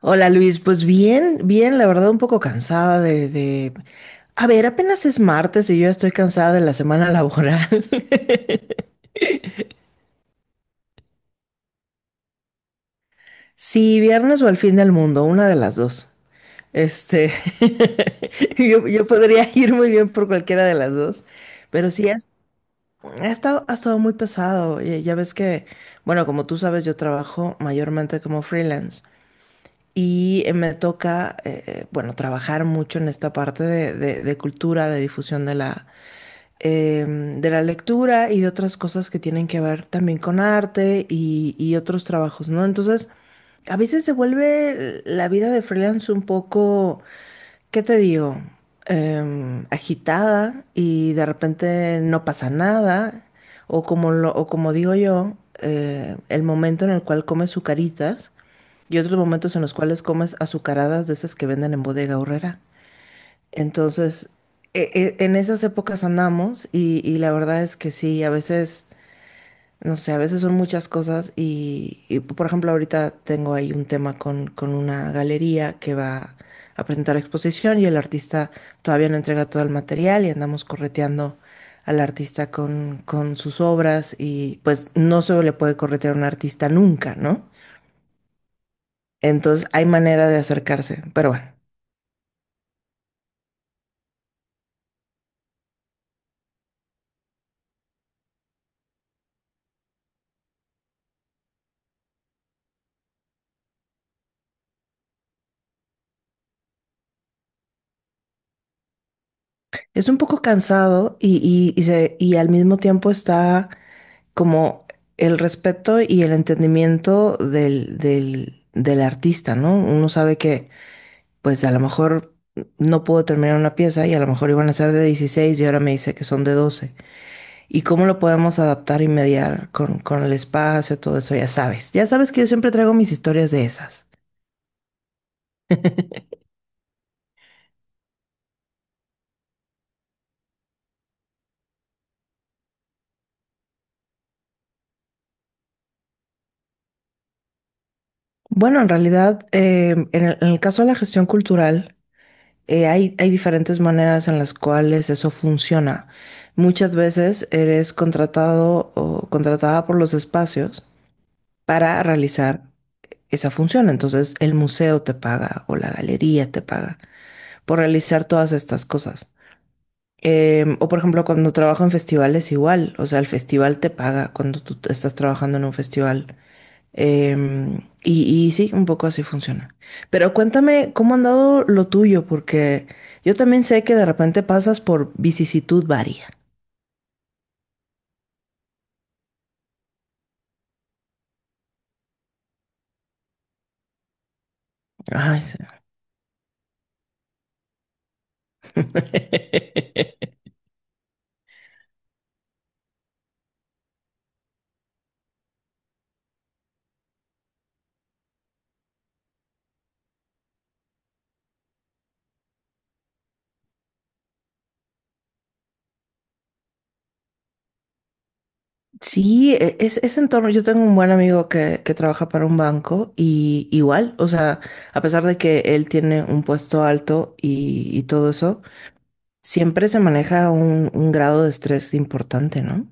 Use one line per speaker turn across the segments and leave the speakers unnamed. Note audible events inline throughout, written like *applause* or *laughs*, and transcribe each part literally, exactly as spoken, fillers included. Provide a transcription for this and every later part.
Hola Luis, pues bien, bien, la verdad un poco cansada de, de... A ver, apenas es martes y yo ya estoy cansada de la semana laboral. *laughs* Sí, viernes o al fin del mundo, una de las dos. Este, *laughs* yo, yo podría *laughs* ir muy bien por cualquiera de las dos, pero sí, has- ha, estado, ha estado muy pesado. Ya, ya ves que, bueno, como tú sabes, yo trabajo mayormente como freelance y eh, me toca, eh, eh, bueno, trabajar mucho en esta parte de, de- de cultura, de difusión de la, em, de la lectura y de otras cosas que tienen que ver también con arte y, y otros trabajos, ¿no? Entonces, a veces se vuelve la vida de freelance un poco, ¿qué te digo? Em, agitada y de repente no pasa nada, o como lo, o como digo yo, eh, el momento en el cual comes sucaritas y otros momentos en los cuales comes azucaradas de esas que venden en Bodega Aurrera. Entonces, e- e- en esas épocas andamos y, y la verdad es que sí, a veces, no sé, a veces son muchas cosas y, y, por ejemplo, ahorita tengo ahí un tema con, con una galería que va a presentar exposición y el artista todavía no entrega todo el material y andamos correteando al artista con, con sus obras y pues no se le puede corretear a un artista nunca, ¿no? Entonces hay manera de acercarse, pero bueno. Es un poco cansado y, y, y se- y al mismo tiempo está como el respeto y el entendimiento del, del, del artista, ¿no? Uno sabe que pues a lo mejor no puedo terminar una pieza y a lo mejor iban a ser de dieciséis y ahora me dice que son de doce. ¿Y cómo lo podemos adaptar y mediar con, con el espacio, todo eso? Ya sabes, ya sabes que yo siempre traigo mis historias de esas. *laughs* Bueno, en realidad, eh, en el, en el caso de la gestión cultural, eh, hay, hay diferentes maneras en las cuales eso funciona. Muchas veces eres contratado o contratada por los espacios para realizar esa función. Entonces el museo te paga o la galería te paga por realizar todas estas cosas. Em, o por ejemplo, cuando trabajo en festivales igual, o sea, el festival te paga cuando tú estás trabajando en un festival. Em, y, y sí, un poco así funciona. Pero cuéntame cómo han dado lo tuyo, porque yo también sé que de repente pasas por vicisitud varia. Ay, sí. *laughs* Sí, e- es, ese entorno. Yo tengo un buen amigo que, que trabaja para un banco y igual, o sea, a pesar de que él tiene un puesto alto y, y todo eso, siempre se maneja un, un grado de estrés importante, ¿no?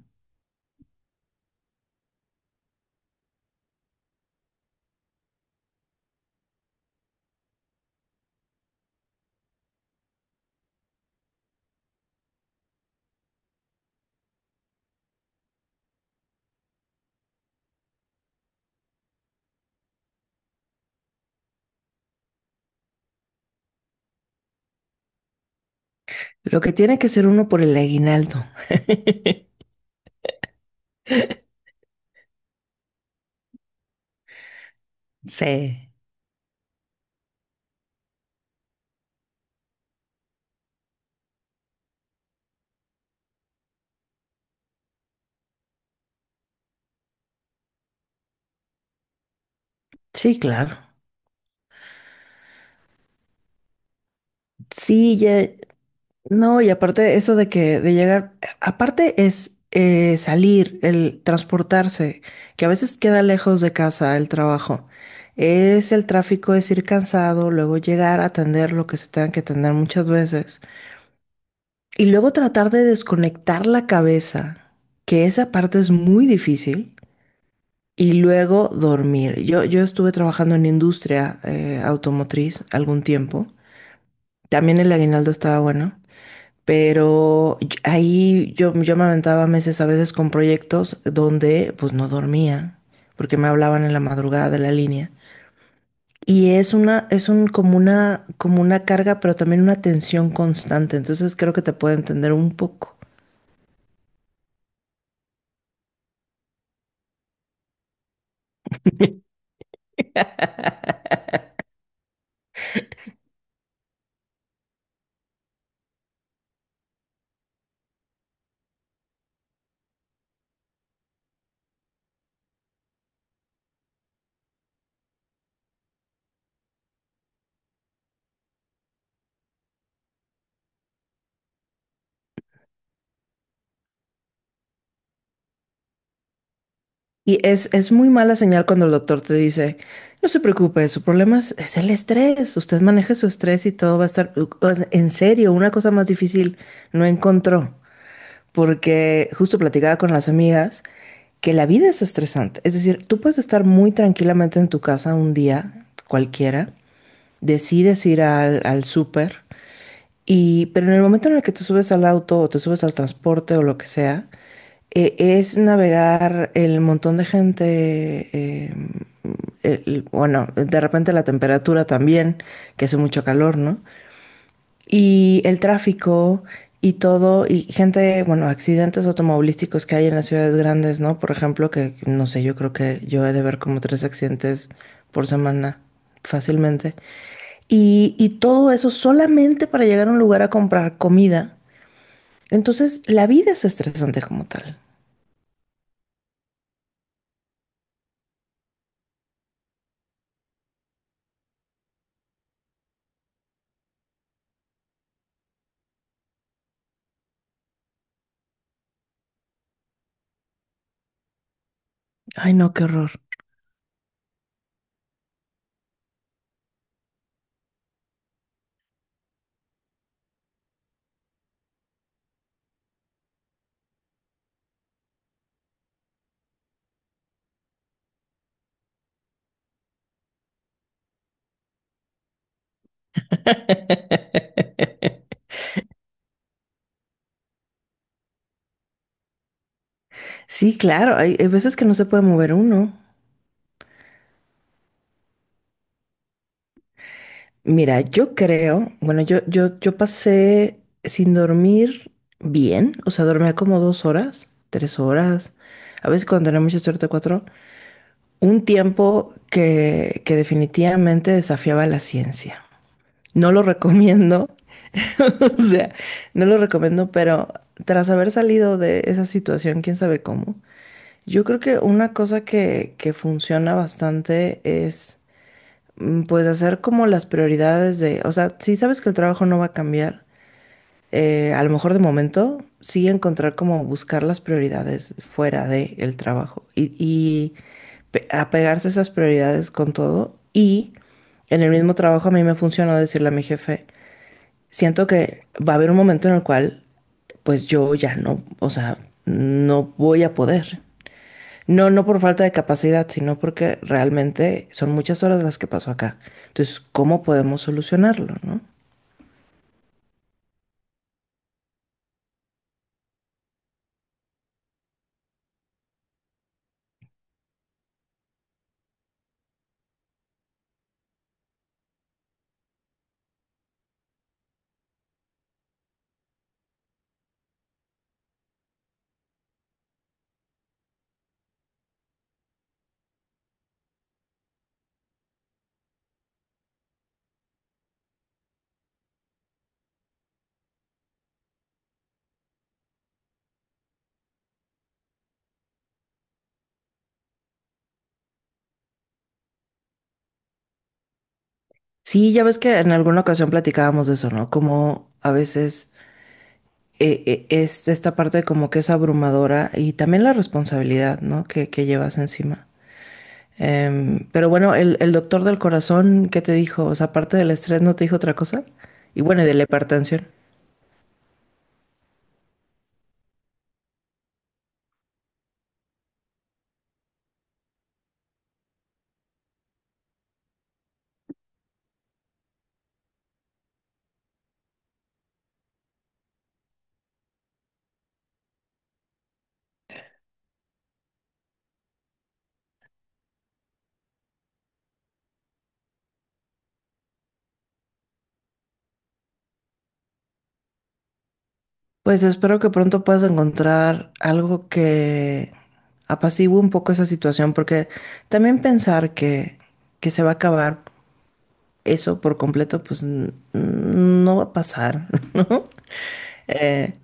Lo que tiene que ser uno por el aguinaldo. Sí. Sí, claro. Sí, ya, no, y aparte eso de que de llegar, aparte es eh, salir, el transportarse, que a veces queda lejos de casa el trabajo. Es el tráfico, es ir cansado, luego llegar a atender lo que se tenga que atender muchas veces. Y luego tratar de desconectar la cabeza, que esa parte es muy difícil. Y luego dormir. Yo, yo estuve trabajando en industria eh, automotriz algún tiempo. También el aguinaldo estaba bueno. Pero y- ahí yo, yo me aventaba meses a veces con proyectos donde pues no dormía, porque me hablaban en la madrugada de la línea. Y es una, es un, como una, como una carga, pero también una tensión constante. Entonces creo que te puede entender un poco. Y es, es muy mala señal cuando el doctor te dice, no se preocupe, su problema es, es el estrés. Usted maneje su estrés y todo va a estar, en serio, una cosa más difícil no encontró. Porque justo platicaba con las amigas que la vida es estresante. Es decir, tú puedes estar muy tranquilamente en tu casa un día, cualquiera, decides ir al, al súper, y, pero en el momento en el que te subes al auto o te subes al transporte o lo que sea, eh, es navegar el montón de gente, eh, el- bueno, de repente la temperatura también, que hace mucho calor, ¿no? Y el tráfico y todo, y gente, bueno, accidentes automovilísticos que hay en las ciudades grandes, ¿no? Por ejemplo, que no sé, yo creo que yo he de ver como tres accidentes por semana fácilmente. Y, y todo eso solamente para llegar a un lugar a comprar comida. Entonces, la vida es estresante como tal. Ay, no, qué horror. Sí, claro, hay, hay veces que no se puede mover uno. Mira, yo creo, bueno, yo, yo, yo pasé sin dormir bien, o sea, dormía como dos horas, tres horas, a veces cuando tenía mucha suerte cuatro, un tiempo que, que definitivamente desafiaba la ciencia. No lo recomiendo, *laughs* o sea, no lo recomiendo, pero tras haber salido de esa situación, quién sabe cómo, yo creo que una cosa que, que funciona bastante es mm, pues hacer como las prioridades de, o sea, si sabes que el trabajo no va a cambiar, eh, a lo mejor de momento sí encontrar como buscar las prioridades fuera del trabajo y, y pe- apegarse a esas prioridades con todo. Y en el mismo trabajo a mí me funcionó decirle a mi jefe, siento que va a haber un momento en el cual pues yo ya no, o sea, no voy a poder. No, no por falta de capacidad, sino porque realmente son muchas horas las que pasó acá. Entonces, ¿cómo podemos solucionarlo, no? Sí, ya ves que en alguna ocasión platicábamos de eso, ¿no? Como a veces eh, eh, es esta parte como que es abrumadora y también la responsabilidad, ¿no? Que, que llevas encima. Em, pero bueno, el, el doctor del corazón, ¿qué te dijo? O sea, aparte del estrés, ¿no te dijo otra cosa? Y bueno, y de la hipertensión. Pues espero que pronto puedas encontrar algo que apacigüe un poco esa situación, porque también pensar que, que se va a acabar eso por completo, pues n- no va a pasar, *laughs* ¿no? Eh,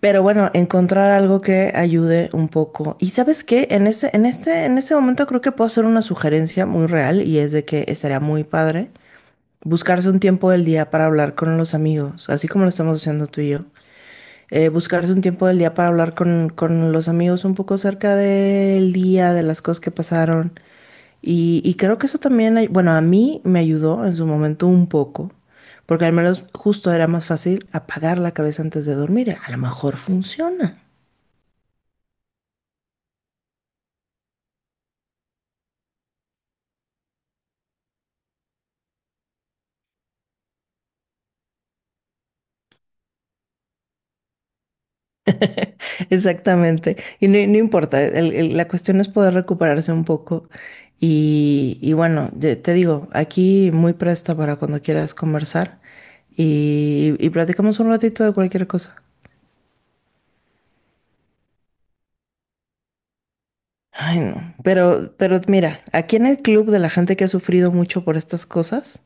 pero bueno, encontrar algo que ayude un poco. Y ¿sabes qué? En ese, en este, en ese momento creo que puedo hacer una sugerencia muy real y es de que estaría muy padre buscarse un tiempo del día para hablar con los amigos, así como lo estamos haciendo tú y yo eh, buscarse un tiempo del día para hablar con, con los amigos un poco cerca del día, de las cosas que pasaron. Y, y creo que eso también, ay- bueno, a mí me ayudó en su momento un poco, porque al menos justo era más fácil apagar la cabeza antes de dormir. A lo mejor funciona. Exactamente. Y no, no importa, el- el- la cuestión es poder recuperarse un poco. Y, y bueno, de- te digo, aquí muy presta para cuando quieras conversar y, y platicamos un ratito de cualquier cosa. Ay, no. Pero, pero mira, aquí en el club de la gente que ha sufrido mucho por estas cosas,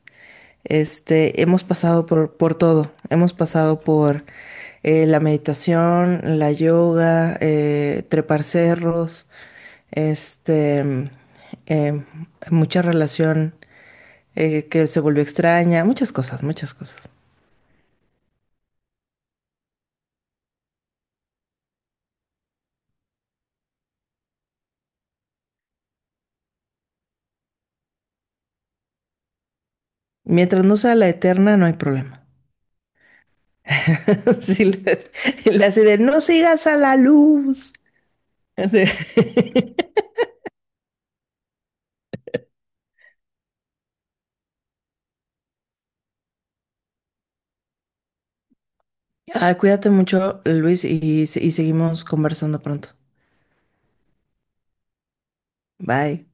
este, hemos pasado por, por todo. Hemos pasado por eh, la meditación, la yoga, eh, trepar cerros, este, mm, eh, mucha relación eh, que se volvió extraña, muchas cosas, muchas cosas. Mientras no sea la eterna, no hay problema. *laughs* Sí, le, le hace de no sigas a la luz. Así. *laughs* Ah, cuídate mucho, Luis, y, se- y seguimos conversando pronto. Bye.